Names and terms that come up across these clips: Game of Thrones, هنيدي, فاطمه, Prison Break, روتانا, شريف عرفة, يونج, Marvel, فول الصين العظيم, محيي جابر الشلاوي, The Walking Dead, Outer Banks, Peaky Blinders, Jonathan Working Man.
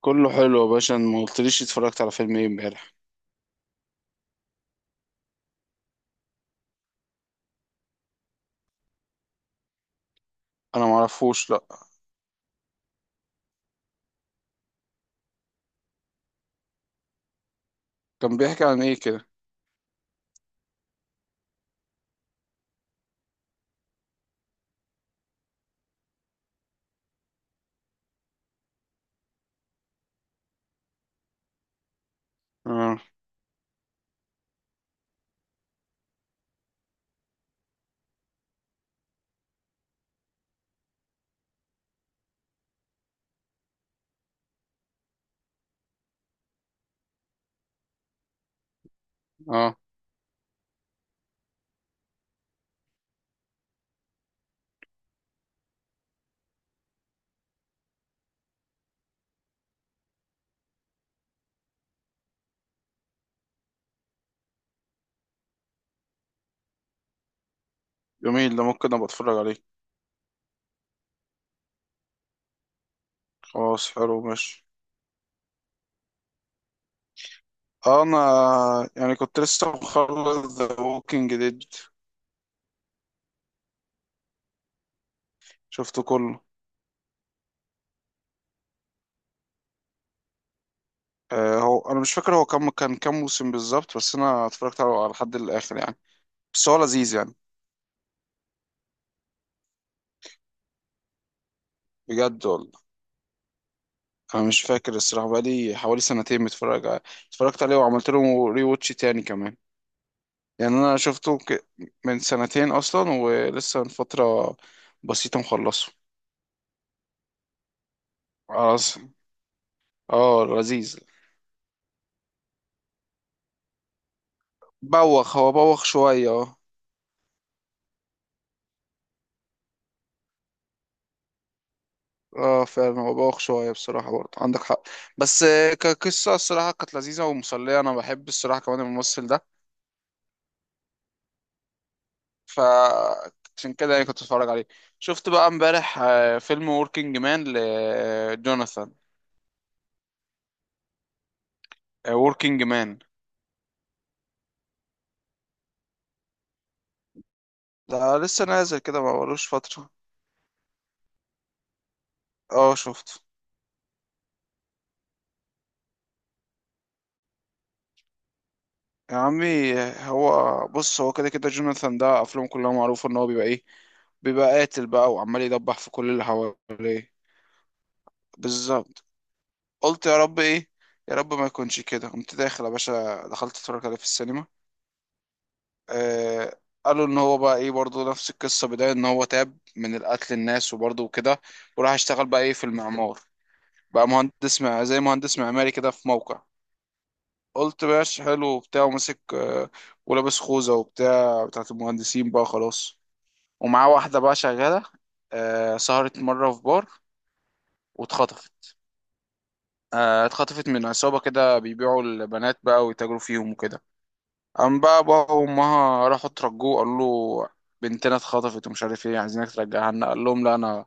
كله حلو يا باشا. أنا ما قلتليش اتفرجت على فيلم ايه امبارح. انا ما اعرفوش، لا. كان بيحكي عن ايه كده؟ اه. اه. جميل، ده ممكن ابقى اتفرج عليه. خلاص، حلو، ماشي. انا يعني كنت لسه مخلص ذا ووكينج ديد. شفته كله. آه، هو انا مش فاكر هو كم كان كام موسم بالظبط. بس انا اتفرجت على لحد الاخر يعني. بس هو لذيذ يعني. بجد والله. انا مش فاكر الصراحه، بقالي حوالي سنتين متفرج. اتفرجت عليه وعملت له ري واتش تاني كمان. يعني انا من سنتين اصلا، ولسه من فتره بسيطه مخلصه. خلاص. اه، لذيذ. هو بوخ شويه، اه. اه، فعلا هو بوخ شويه بصراحه، برضه عندك حق. بس كقصه الصراحه كانت لذيذه ومسليه. انا بحب الصراحه كمان الممثل ده. ف عشان كده يعني كنت اتفرج عليه. شفت بقى امبارح فيلم وركينج مان لجوناثان. وركينج مان. ده لسه نازل كده، ما بقالوش فتره. اه، شفته. يا عمي، هو بص، هو كده كده جوناثان ده افلامه كلها معروفه ان هو بيبقى ايه. بيبقى قاتل بقى، وعمال يدبح في كل اللي حواليه. بالظبط. قلت يا رب ايه، يا رب ما يكونش كده. قمت داخل يا باشا، دخلت اتفرج عليه في السينما. آه، قالوا ان هو بقى ايه برضه نفس القصه، بدايه ان هو تاب من القتل الناس وبرضه وكده. وراح اشتغل بقى ايه في المعمار، بقى مهندس، مع زي مهندس معماري كده في موقع. قلت ماشي، حلو وبتاع. وماسك ولابس خوذه وبتاع بتاعت المهندسين بقى خلاص. ومعاه واحدة بقى شغالة. سهرت مرة في بار واتخطفت. اتخطفت من عصابة كده بيبيعوا البنات بقى ويتاجروا فيهم وكده. قام بقى بابا وأمها راحوا ترجوه، قالوا له بنتنا اتخطفت ومش عارف ايه، عايزينك ترجعها لنا. قال لهم لا، أنا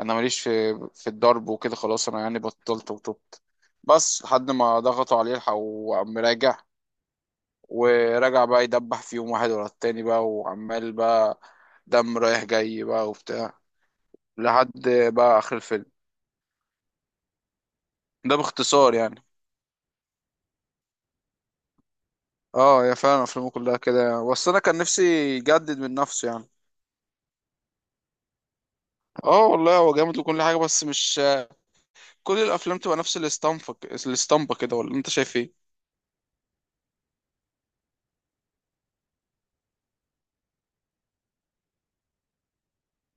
أنا ماليش في الضرب وكده. خلاص، أنا يعني بطلت وتوبت. بس لحد ما ضغطوا عليه الحق، وقام راجع. ورجع بقى يدبح فيهم واحد ورا التاني بقى، وعمال بقى دم رايح جاي بقى وبتاع، لحد بقى آخر الفيلم. ده باختصار يعني. اه، يا فعلا افلامه كلها كده يعني. بس انا كان نفسي يجدد من نفسه يعني. اه والله، هو جامد وكل حاجه، بس مش كل الافلام تبقى نفس الاسطمبه، الاسطمبه كده، ولا انت شايف ايه؟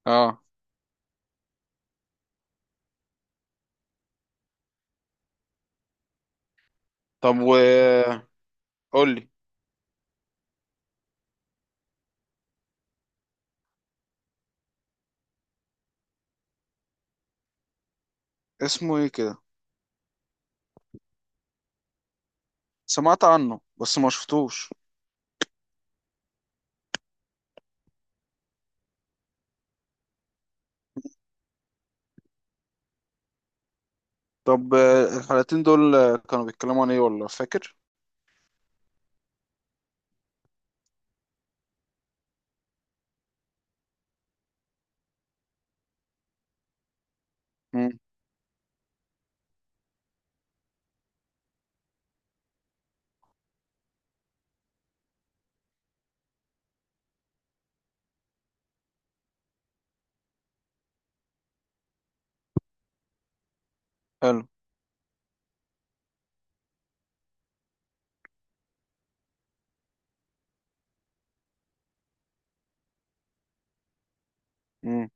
اه. طب، قول لي. اسمه ايه كده؟ سمعت عنه بس ما شفتوش. طب الحلقتين دول كانوا بيتكلموا عن ايه ولا فاكر؟ امم. حلو. امم.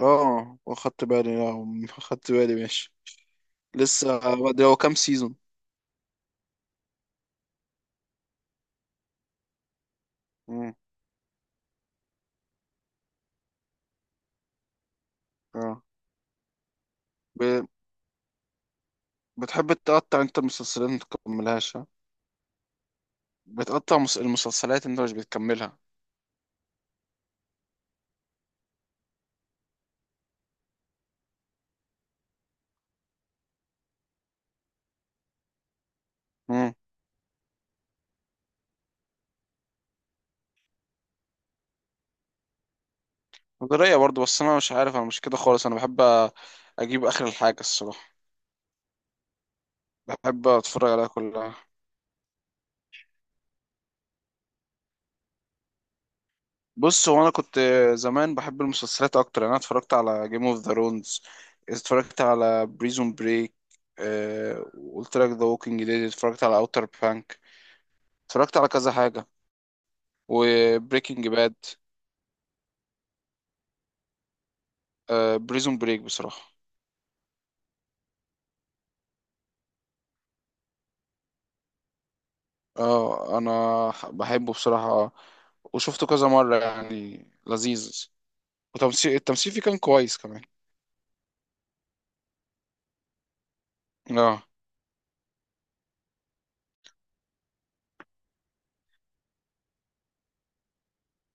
اه، واخدت بالي، لا. اخدت بالي، ماشي. لسه بدري. هو كام سيزون؟ امم. اه. بتحب تقطع انت المسلسلات ما تكملهاش، ها؟ بتقطع المسلسلات، انت مش بتكملها. امم. ده رأيي برضه، بس انا مش عارف، انا مش كده خالص. انا بحب أ- اجيب اخر الحاجه الصراحه. بحب اتفرج عليها كلها. بص هو انا كنت زمان بحب المسلسلات اكتر يعني. انا اتفرجت على جيم اوف ذا رونز، اتفرجت على بريزون بريك، قلت لك ذا ووكينج ديد، اتفرجت على اوتر بانك، اتفرجت على كذا حاجه، وبريكنج باد. بريزون بريك بصراحه. اه، انا بحبه بصراحة. وشفته كذا مرة يعني، لذيذ. التمثيل فيه كان كويس كمان. اه.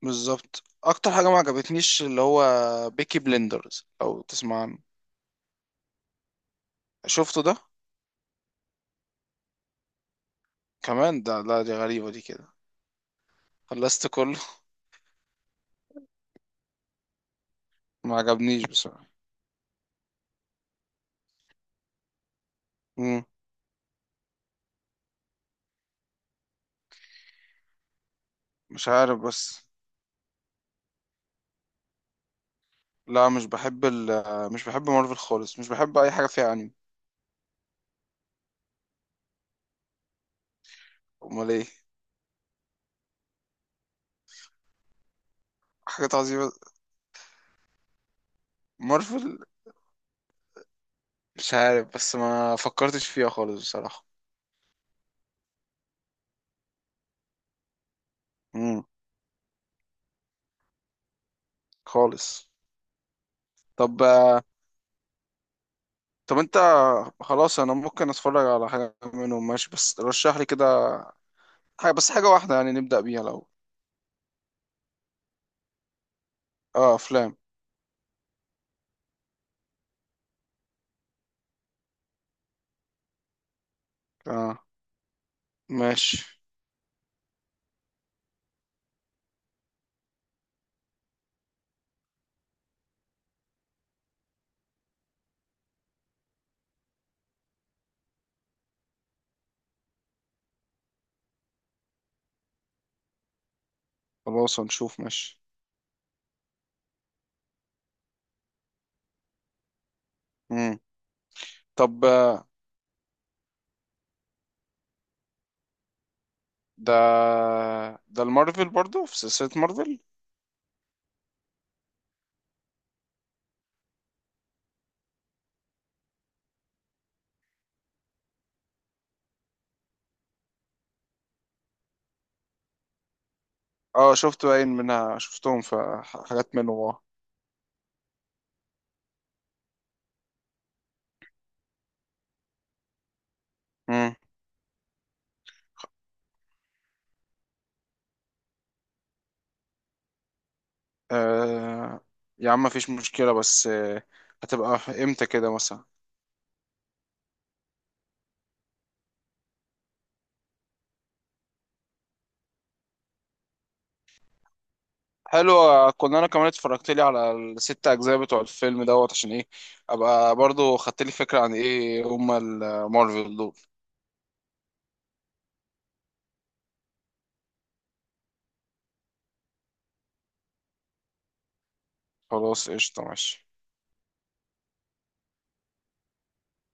بالظبط. اكتر حاجة ما عجبتنيش اللي هو بيكي بلندرز، او تسمع عنه؟ شفته ده؟ كمان ده، لا، دي غريبة دي كده. خلصت كله. ما عجبنيش بصراحة. مم. مش عارف بس. لا، مش بحب مارفل خالص. مش بحب اي حاجة فيها انمي. امال ايه؟ حاجات عظيمة مارفل؟ مش عارف بس، ما فكرتش فيها خالص بصراحة. مم. خالص. طب آه، طب انت خلاص انا ممكن اتفرج على حاجه منهم ماشي، بس رشح لي كده حاجه، بس حاجه واحده يعني نبدا بيها لو. اه افلام. اه ماشي. خلاص هنشوف ماشي. امم. طب ده ده المارفل برضو، في سلسله مارفل؟ اه شفت باين منها، شفتهم في حاجات منهم، اه. امم. آه، يا عم مفيش مشكله، بس هتبقى امتى كده مثلا؟ حلو. كنا انا كمان اتفرجت لي على الست اجزاء بتوع الفيلم دوت، عشان ايه ابقى برضو خدت لي فكره عن ايه هما المارفل دول. خلاص قشطه ماشي.